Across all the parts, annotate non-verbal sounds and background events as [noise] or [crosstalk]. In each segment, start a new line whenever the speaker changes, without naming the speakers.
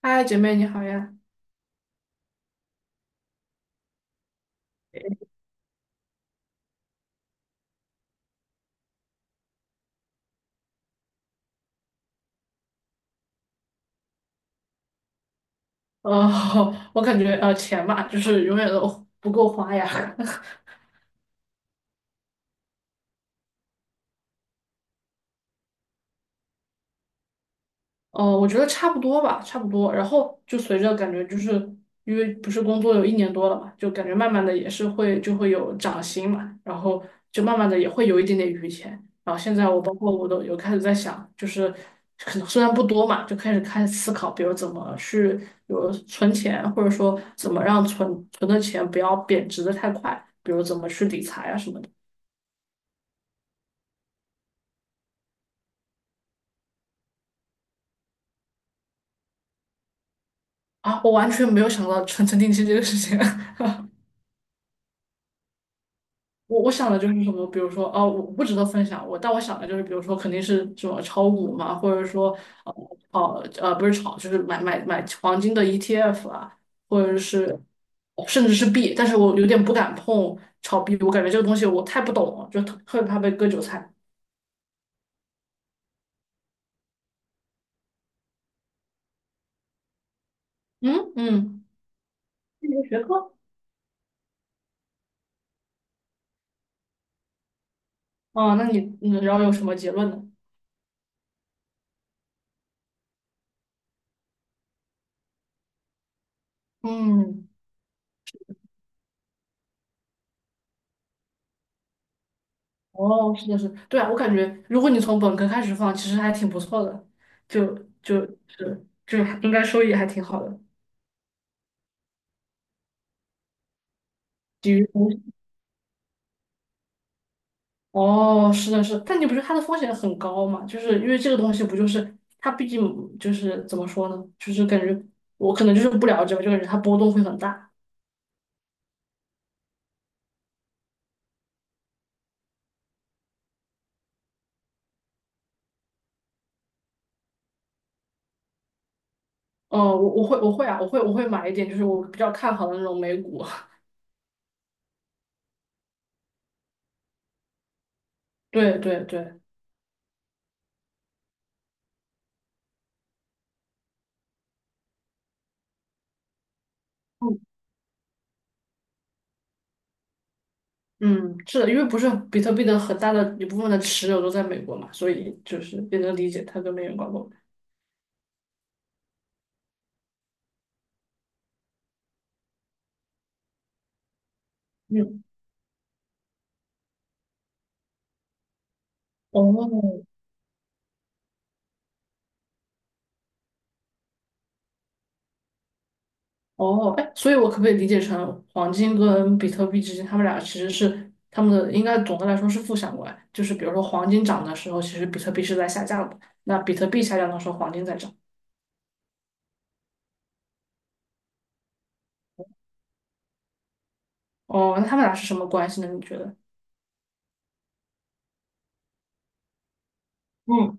嗨，姐妹你好呀。呃，[laughs] 我感觉钱嘛，就是永远都不够花呀。[laughs] 我觉得差不多吧，差不多。然后就随着感觉，就是因为不是工作有一年多了嘛，就感觉慢慢的也是会就会有涨薪嘛，然后就慢慢的也会有一点点余钱。然后现在我包括我都有开始在想，就是可能虽然不多嘛，就开始思考，比如怎么去，比如存钱，或者说怎么让存的钱不要贬值的太快，比如怎么去理财啊什么的。啊，我完全没有想到存承定期这个事情。[laughs] 我想的就是什么，比如说，哦，我不值得分享。我但我想的就是，比如说，肯定是什么炒股嘛，或者说，呃，不是炒，就是买黄金的 ETF 啊，或者是甚至是币。但是我有点不敢碰炒币，我感觉这个东西我太不懂了，就特别怕被割韭菜。嗯嗯，这是一个学科。啊，那你，然后有什么结论呢？嗯。哦，是的，是的，对啊，我感觉如果你从本科开始放，其实还挺不错的，就就是还应该收益还挺好的，抵御风险。哦，是的，是的但你不是它的风险很高嘛？就是因为这个东西不就是它毕竟就是怎么说呢？就是感觉我可能就是不了解吧，就感觉它波动会很大。哦，我会啊，我会买一点，就是我比较看好的那种美股。[laughs] 对对对，嗯。嗯，是的，因为不是比特币的很大的一部分的持有都在美国嘛，所以就是也能理解它跟美元挂钩。嗯，哦，哦，哎，所以我可不可以理解成黄金跟比特币之间，他们俩其实是他们的应该总的来说是负相关，就是比如说黄金涨的时候，其实比特币是在下降的，那比特币下降的时候，黄金在涨。哦，那他们俩是什么关系呢？你觉得？嗯，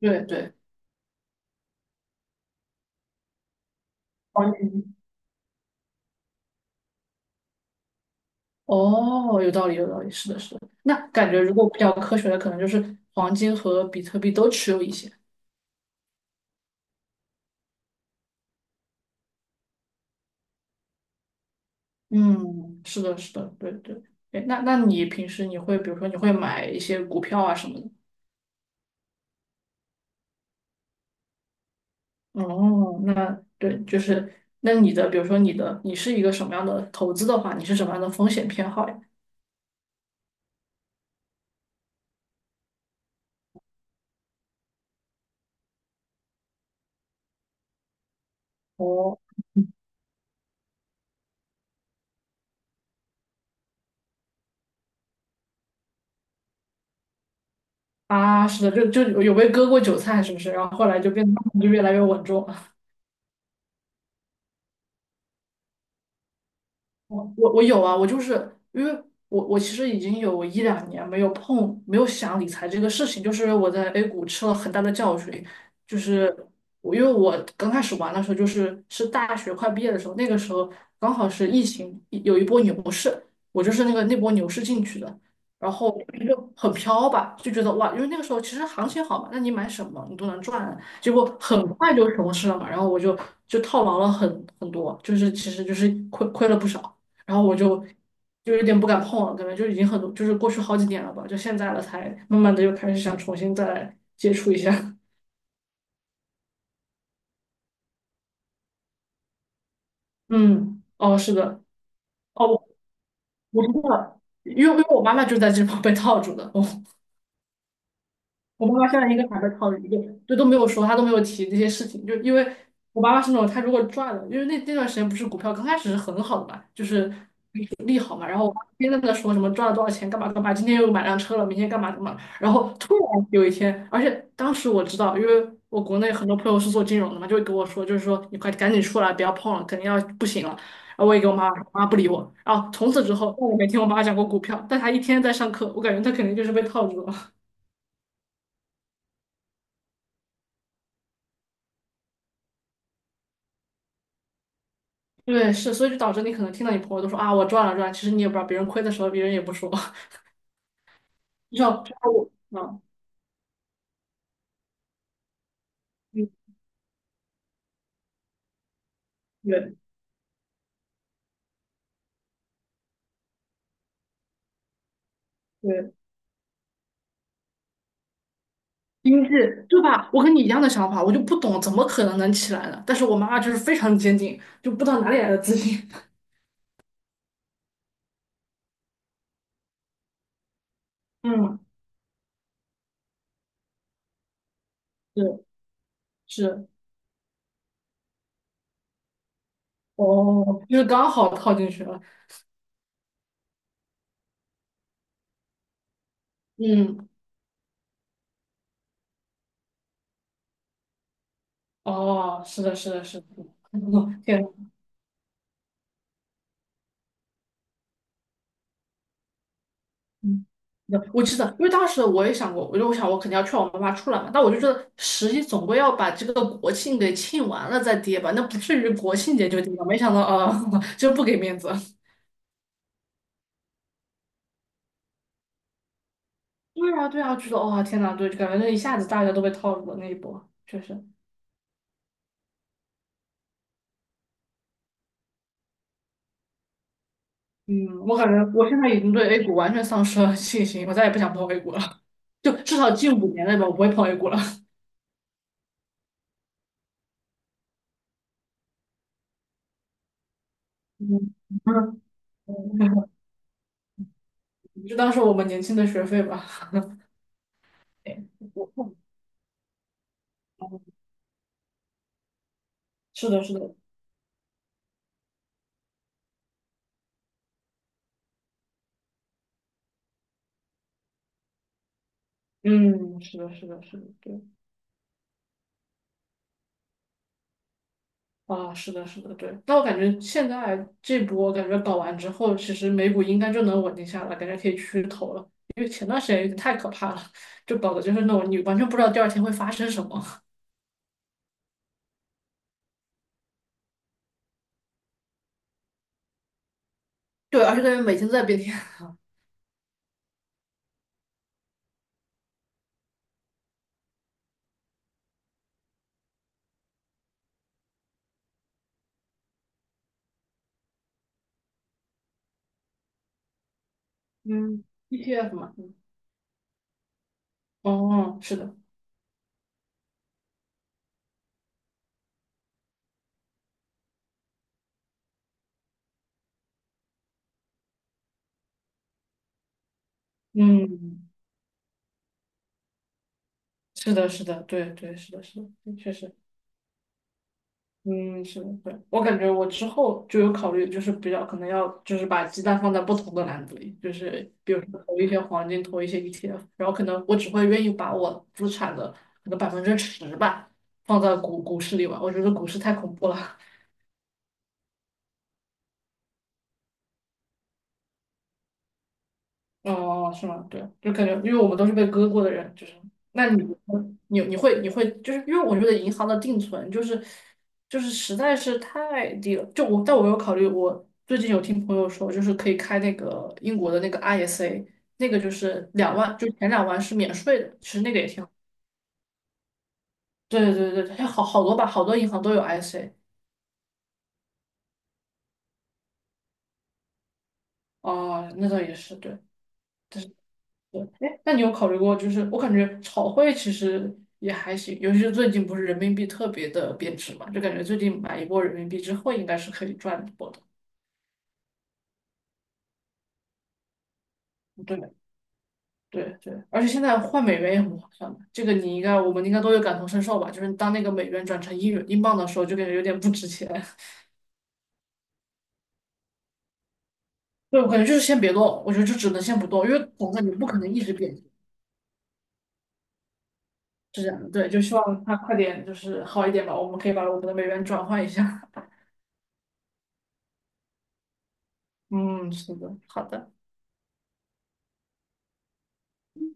对对，黄金。哦，有道理，有道理，是的，是的。那感觉如果比较科学的，可能就是黄金和比特币都持有一些。嗯，是的，是的，对对。哎，那你平时你会，比如说你会买一些股票啊什么的？哦，那对，就是那你的，比如说你的，你是一个什么样的投资的话，你是什么样的风险偏好呀？哦，啊，是的，就有被割过韭菜，是不是？然后后来就变得就越来越稳重。我有啊，我就是因为我其实已经有一两年没有碰，没有想理财这个事情，就是我在 A 股吃了很大的教训，就是因为我刚开始玩的时候，就是大学快毕业的时候，那个时候刚好是疫情有一波牛市，我就是那波牛市进去的，然后就很飘吧，就觉得哇，因为那个时候其实行情好嘛，那你买什么你都能赚，结果很快就熊市了嘛，然后我就套牢了很多，就是其实就是亏了不少。然后我就有点不敢碰了，感觉就已经很多，就是过去好几年了吧，就现在了才慢慢的又开始想重新再来接触一下。[laughs] 嗯，哦，是的，哦，我知道了，因为我妈妈就在这方被套住的。[laughs] 我妈妈现在应该还在考虑，就都没有说，她都没有提这些事情，就因为我妈妈是那种她如果赚了，因为那段时间不是股票刚开始是很好的嘛，就是利好嘛，然后我爸天天在那说什么赚了多少钱，干嘛干嘛，今天又买辆车了，明天干嘛干嘛，然后突然有一天，而且当时我知道，因为我国内很多朋友是做金融的嘛，就会跟我说，就是说你快赶紧出来，不要碰了，肯定要不行了。然后我也给我妈，我妈不理我，然后从此之后，我也没听我妈讲过股票，但她一天在上课，我感觉她肯定就是被套住了。对，是，所以就导致你可能听到你朋友都说啊，我赚了赚了其实你也不知道，别人亏的时候别人也不说。[laughs] 你至少 [laughs] 我，嗯，嗯对对，经济对吧？我跟你一样的想法，我就不懂怎么可能能起来呢？但是我妈妈就是非常坚定，就不知道哪里来的自信。[laughs] 嗯，是是，哦，就是刚好套进去了。嗯，哦，是的，是的，是的。[laughs] 天。嗯，那我记得，因为当时我也想过，我就想我肯定要劝我妈妈出来嘛，但我就觉得十一总归要把这个国庆给庆完了再跌吧，那不至于国庆节就跌吧。没想到，啊，[laughs] 就不给面子。对啊，对啊，觉得哇，天呐，对，感觉那一下子大家都被套路了那一波，确实。嗯，我感觉我现在已经对 A 股完全丧失了信心，我再也不想碰 A 股了，就至少近5年内吧，我不会碰 A 股了。嗯嗯，[laughs] 就当是我们年轻的学费吧。对我碰是的，是的，嗯，是的，是的，是的，对，啊，是的，是的，对。但我感觉现在这波感觉搞完之后，其实美股应该就能稳定下来，感觉可以去投了。因为前段时间有点太可怕了，就搞的就是那种你完全不知道第二天会发生什么。[laughs] 对，而且感觉每天都在变天啊。[laughs] 嗯，ETF 嘛，嗯哦，是的，嗯，是的，是的，对对，是的，是的，对确实。嗯，是的，对，我感觉我之后就有考虑，就是比较可能要就是把鸡蛋放在不同的篮子里，就是比如说投一些黄金，投一些 ETF，然后可能我只会愿意把我资产的可能10%吧放在股市里吧，我觉得股市太恐怖了。哦，哦是吗？对，就感觉，因为我们都是被割过的人，就是，那你会，就是因为我觉得银行的定存就是实在是太低了，但我有考虑，我最近有听朋友说，就是可以开那个英国的那个 ISA，那个就是2万，就前两万是免税的，其实那个也挺好，对对对对，好好多吧，好多银行都有 ISA，哦，那倒也是，对。对，哎，那你有考虑过，就是我感觉炒汇其实也还行，尤其是最近不是人民币特别的贬值嘛，就感觉最近买一波人民币之后，应该是可以赚一波的。对对对，而且现在换美元也很划算的，这个你应该我们应该都有感同身受吧？就是当那个美元转成英镑的时候，就感觉有点不值钱。[laughs] 对，我感觉就是先别动，我觉得就只能先不动，因为总感觉不可能一直贬值，是这样的。对，就希望它快点就是好一点吧，我们可以把我们的美元转换一下。[laughs] 嗯，是的，好的。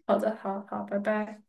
好的，好好，拜拜。